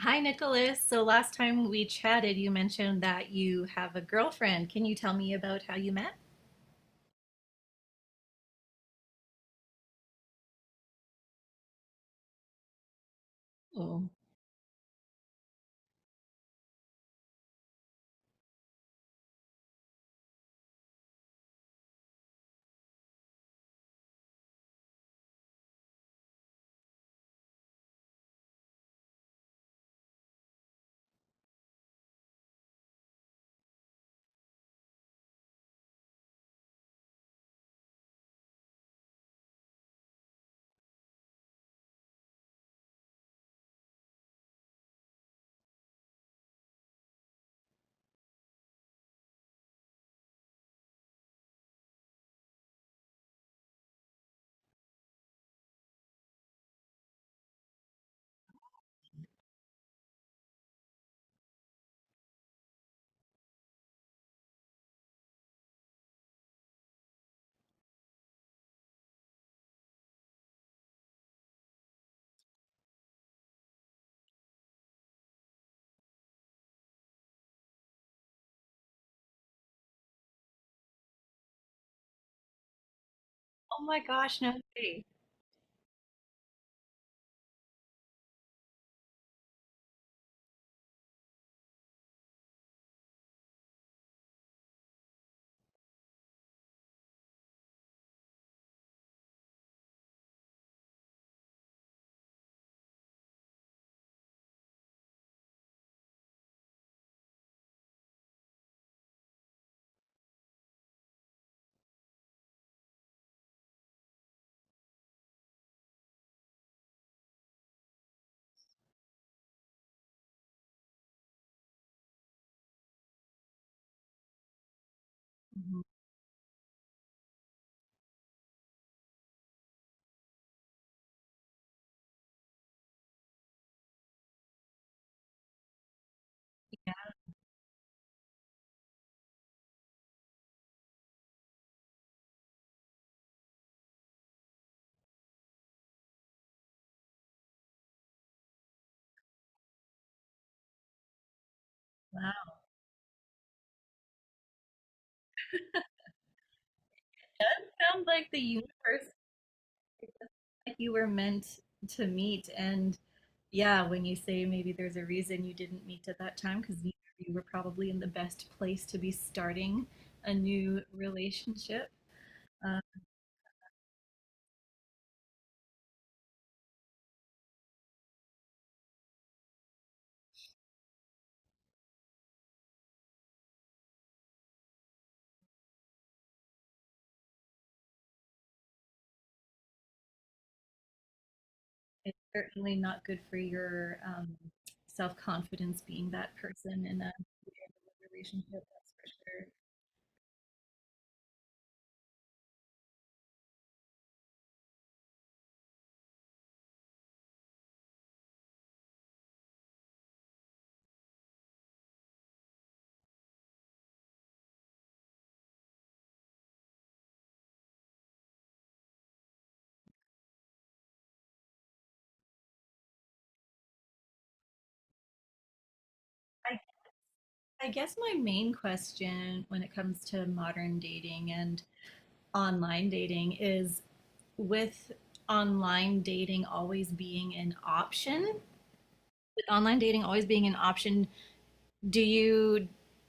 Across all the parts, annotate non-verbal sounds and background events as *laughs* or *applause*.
Hi, Nicholas. So last time we chatted, you mentioned that you have a girlfriend. Can you tell me about how you met? Oh, oh my gosh, no way. Mhm. Wow. Sounds like the universe, like you were meant to meet. And yeah, when you say maybe there's a reason you didn't meet at that time, because neither of you were probably in the best place to be starting a new relationship. Um, it's certainly not good for your self confidence being that person in a relationship. That's for sure. I, I guess my main question when it comes to modern dating and online dating is with online dating always being an option, with online dating always being an option, do you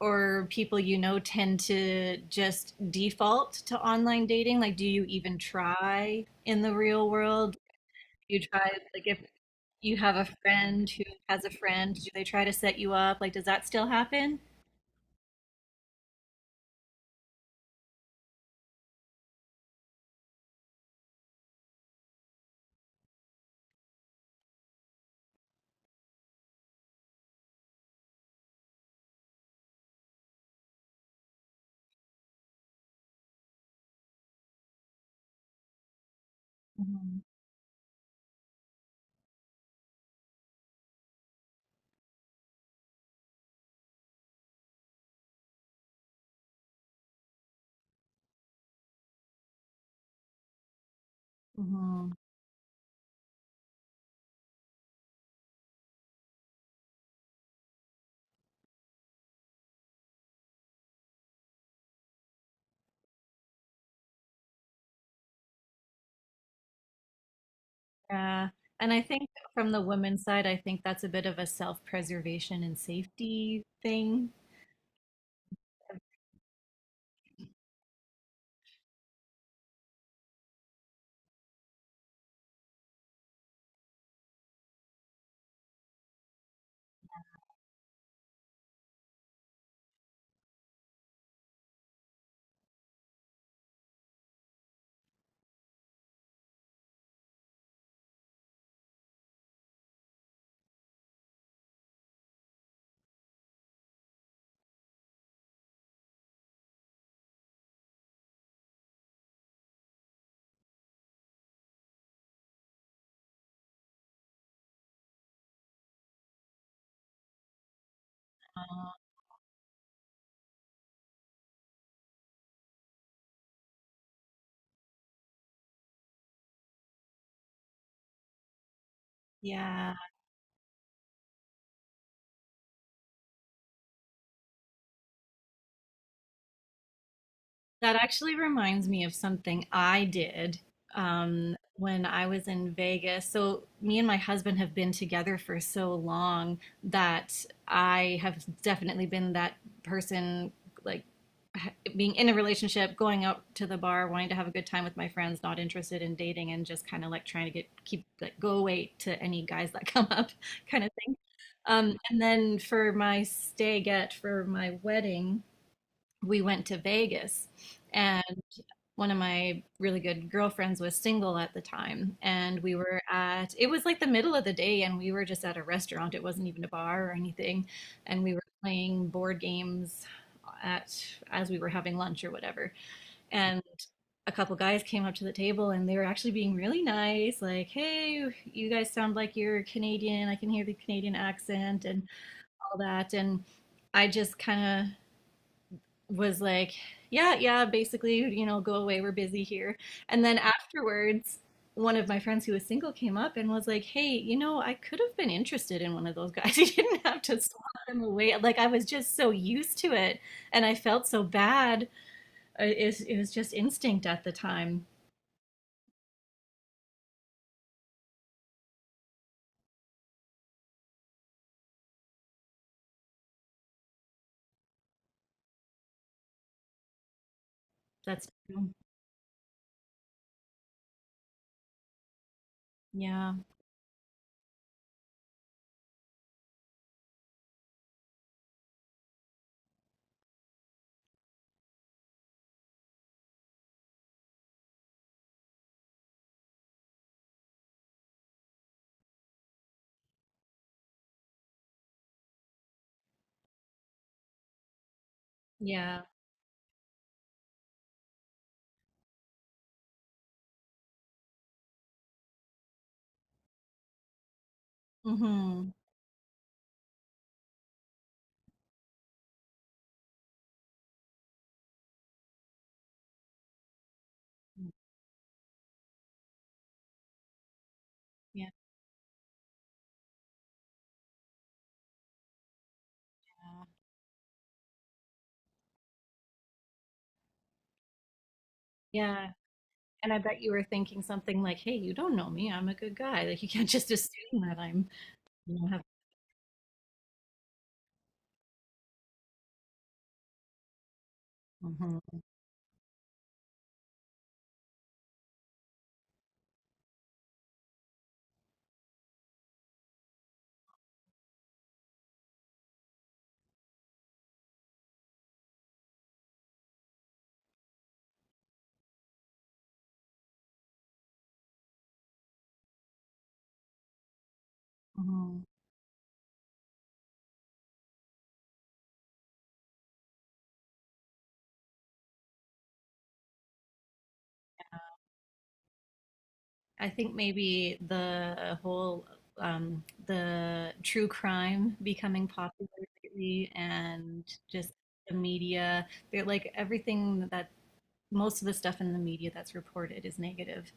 or people you know tend to just default to online dating? Like, do you even try in the real world? You try like If you have a friend who has a friend, do they try to set you up? Like, does that still happen? Mhm. Mhm. Yeah. And I think from the women's side, I think that's a bit of a self-preservation and safety thing. Uh, Yeah. That actually reminds me of something I did when I was in Vegas. So, me and my husband have been together for so long that I have definitely been that person, like being in a relationship, going out to the bar, wanting to have a good time with my friends, not interested in dating, and just kind of like trying to get keep like go away to any guys that come up, *laughs* kind of thing. And then for my stay get for my wedding, we went to Vegas. One of my really good girlfriends was single at the time, and we were at— it was like the middle of the day and we were just at a restaurant, it wasn't even a bar or anything, and we were playing board games at as we were having lunch or whatever, and a couple guys came up to the table, and they were actually being really nice, like, hey, you guys sound like you're Canadian, I can hear the Canadian accent and all that. And I just kind of was like, yeah, yeah, basically, you know, go away, we're busy here. And then afterwards, one of my friends who was single came up and was like, hey, you know, I could have been interested in one of those guys. *laughs* You didn't have to swat them away. Like, I was just so used to it and I felt so bad. It was just instinct at the time. That's true. Yeah. Yeah. Mm-hmm. Yeah. Yeah. And I bet you were thinking something like, hey, you don't know me. I'm a good guy. Like, you can't just assume that I'm, you know, have. Mm-hmm. Mhm. I think maybe the whole the true crime becoming popular lately and just the media, they're like everything that most of the stuff in the media that's reported is negative.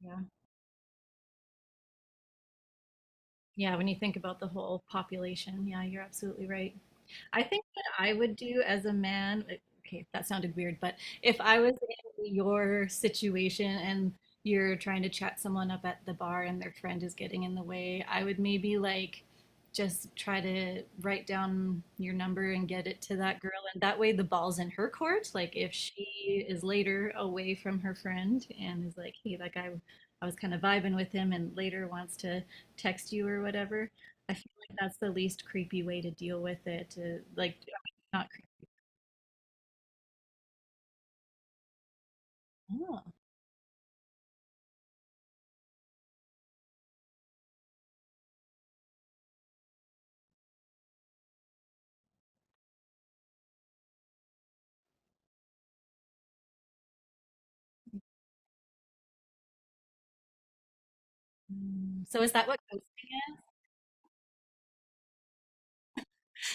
Yeah. Yeah, when you think about the whole population, yeah, you're absolutely right. I think what I would do as a man, like, okay, that sounded weird, but if I was in your situation and you're trying to chat someone up at the bar and their friend is getting in the way, I would maybe like just try to write down your number and get it to that girl. And that way the ball's in her court. Like if she is later away from her friend and is like, hey, that guy, I was kind of vibing with him, and later wants to text you or whatever, I feel like that's the least creepy way to deal with it. To like not creep. Oh. Mm. So is that what ghosting is?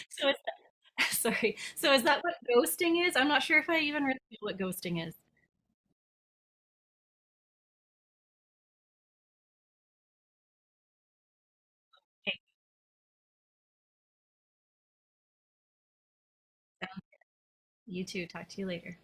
So is *laughs* sorry. So is that what ghosting is? I'm not sure if I even really know what ghosting is. Okay, you too. Talk to you later.